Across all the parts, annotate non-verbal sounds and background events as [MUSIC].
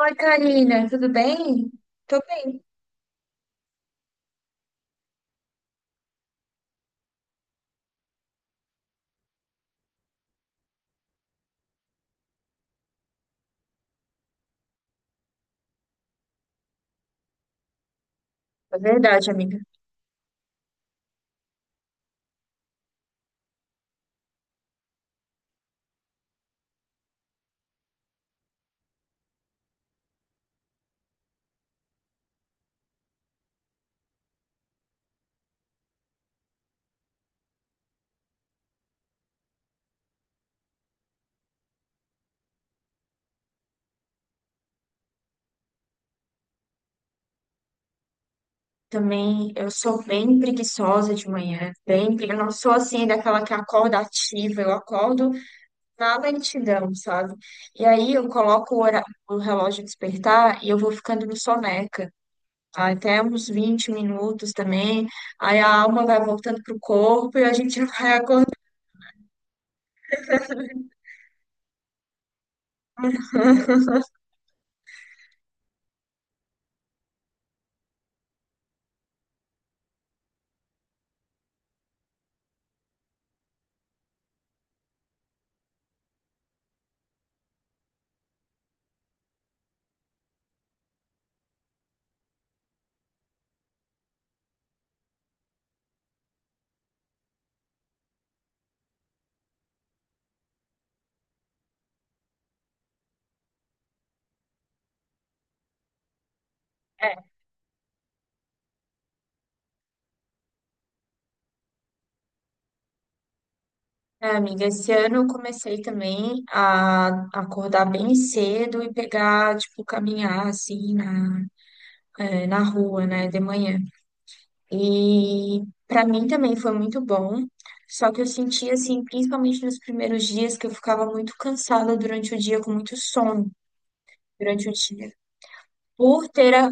Oi, Karina, tudo bem? Tô bem. É verdade, amiga. Também eu sou bem preguiçosa de manhã, eu não sou assim daquela que acorda ativa, eu acordo na lentidão, sabe? E aí eu coloco o relógio despertar e eu vou ficando no soneca, tá? Até uns 20 minutos também. Aí a alma vai voltando pro corpo e a gente [LAUGHS] vai acordando. É, amiga, esse ano eu comecei também a acordar bem cedo e pegar, tipo, caminhar assim é, na rua, né, de manhã. E pra mim também foi muito bom, só que eu senti assim, principalmente nos primeiros dias, que eu ficava muito cansada durante o dia, com muito sono durante o dia. Por ter, a-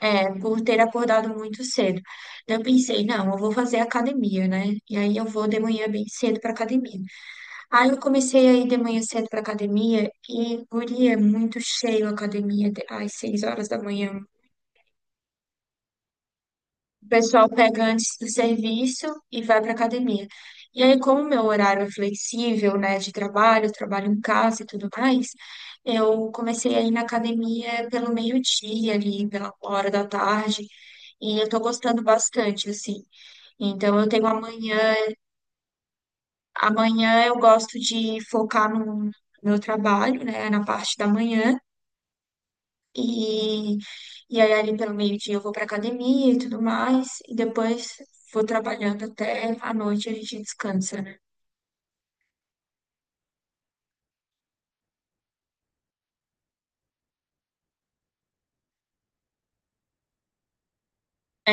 é, por ter acordado muito cedo. Então, eu pensei, não, eu vou fazer academia, né? E aí eu vou de manhã bem cedo para academia. Aí eu comecei a ir de manhã cedo pra academia e, guria, é muito cheio a às 6 horas da manhã. O pessoal pega antes do serviço e vai pra academia. E aí, como meu horário é flexível, né, de trabalho, eu trabalho em casa e tudo mais, eu comecei a ir na academia pelo meio-dia ali, pela hora da tarde, e eu tô gostando bastante, assim. Então, amanhã eu gosto de focar no meu trabalho, né, na parte da manhã. E, e aí, ali pelo meio-dia, eu vou para academia e tudo mais. E depois vou trabalhando até a noite a gente descansa, né?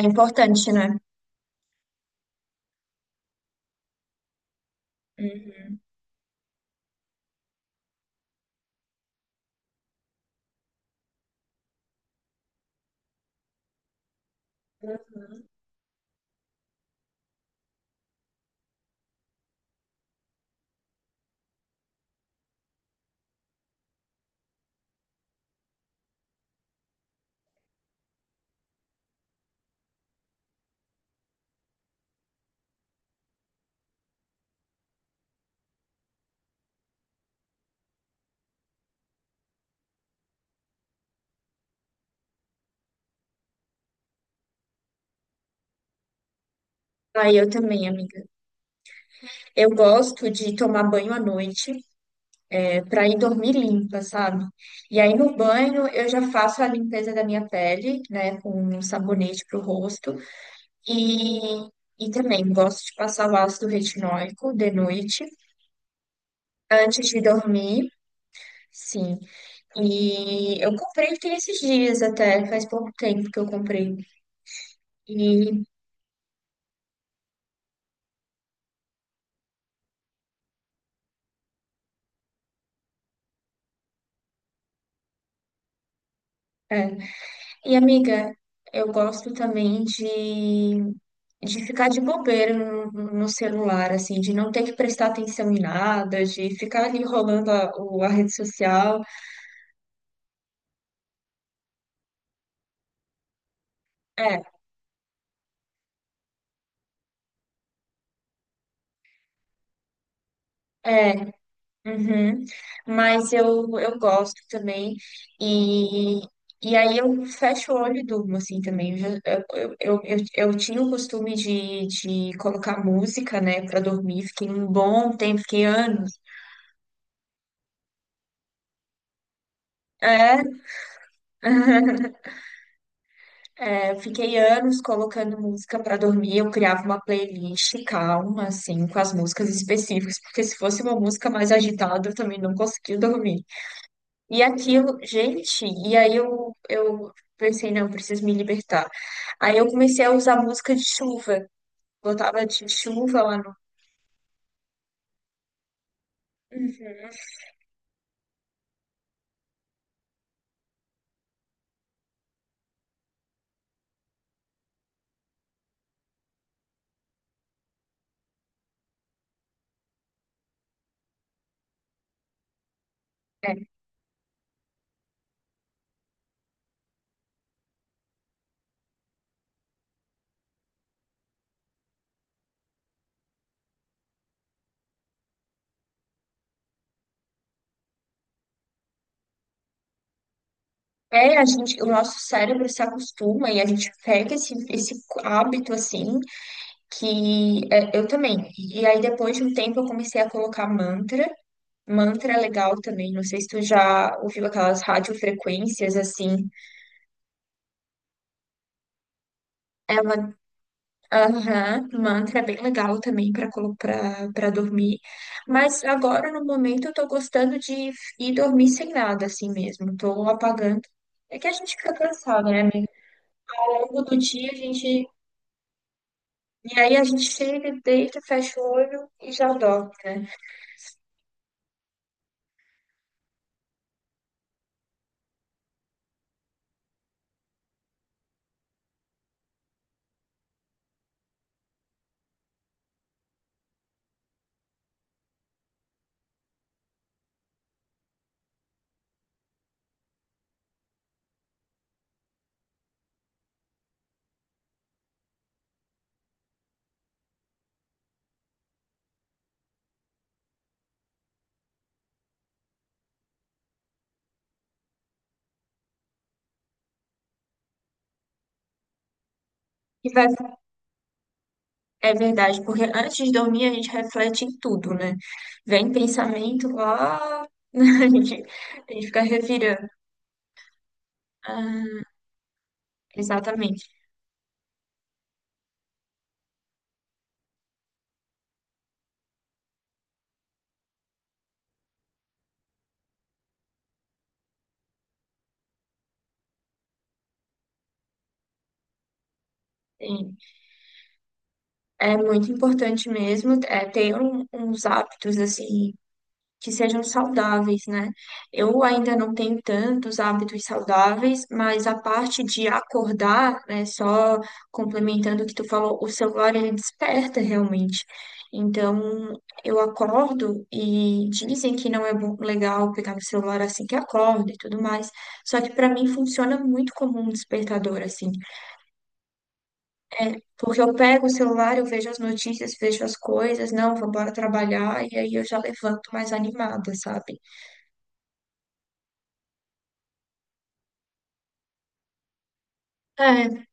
É importante, né? Uhum. Aí eu também, amiga. Eu gosto de tomar banho à noite, é, para ir dormir limpa, sabe? E aí no banho eu já faço a limpeza da minha pele, né, com um sabonete pro rosto. E, e também gosto de passar o ácido retinóico de noite, antes de dormir. Sim. E eu comprei tem esses dias até, faz pouco tempo que eu comprei. E, é. E amiga, eu gosto também de ficar de bobeira no celular, assim, de não ter que prestar atenção em nada, de ficar ali rolando a rede social. É, é. Uhum. Mas eu gosto também. E, e aí eu fecho o olho e durmo, assim, também. Eu tinha o costume de colocar música, né, pra dormir. Fiquei um bom tempo, fiquei anos. É, [LAUGHS] É, eu fiquei anos colocando música pra dormir. Eu criava uma playlist calma, assim, com as músicas específicas, porque se fosse uma música mais agitada, eu também não conseguia dormir. E aquilo, gente, e aí eu pensei, não, eu preciso me libertar. Aí eu comecei a usar música de chuva. Botava de chuva lá no. Uhum. É, é, a gente, o nosso cérebro se acostuma e a gente pega esse hábito assim, que é, eu também. E aí depois de um tempo eu comecei a colocar mantra. Mantra é legal também, não sei se tu já ouviu aquelas radiofrequências assim. É uma. Aham, um mantra é bem legal também para dormir. Mas agora, no momento, eu tô gostando de ir dormir sem nada, assim mesmo. Tô apagando. É que a gente fica cansado, né, amigo? Ao longo do dia, a gente. E aí a gente chega, deita, fecha o olho e já dorme, né? E vai... É verdade, porque antes de dormir, a gente reflete em tudo, né? Vem pensamento lá, [LAUGHS] a gente, a gente fica revirando. Ah, exatamente. É muito importante mesmo é, ter um- uns hábitos assim que sejam saudáveis, né? Eu ainda não tenho tantos hábitos saudáveis, mas a parte de acordar, né, só complementando o que tu falou, o celular ele desperta realmente. Então, eu acordo e dizem que não é bom, legal pegar no celular assim que acorda e tudo mais. Só que para mim funciona muito como um despertador assim. É, porque eu pego o celular, eu vejo as notícias, vejo as coisas, não, vou embora trabalhar, e aí eu já levanto mais animada, sabe? É,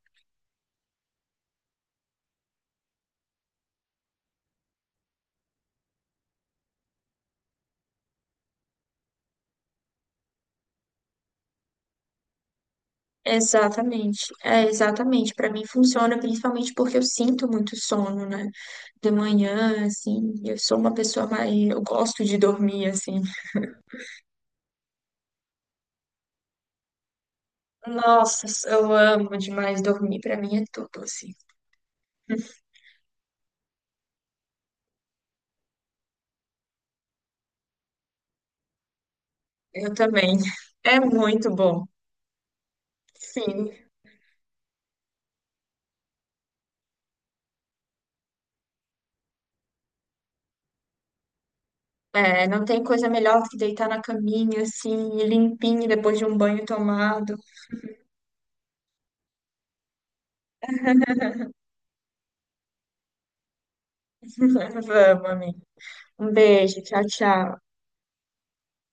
exatamente. É, exatamente. Pra mim funciona principalmente porque eu sinto muito sono, né? De manhã, assim, eu sou uma pessoa mais. Eu gosto de dormir, assim. Nossa, eu amo demais dormir, pra mim é tudo, assim. Eu também. É muito bom. Sim. É, não tem coisa melhor do que deitar na caminha, assim, limpinho, depois de um banho tomado. [LAUGHS] Vamos, amigo. Um beijo, tchau, tchau.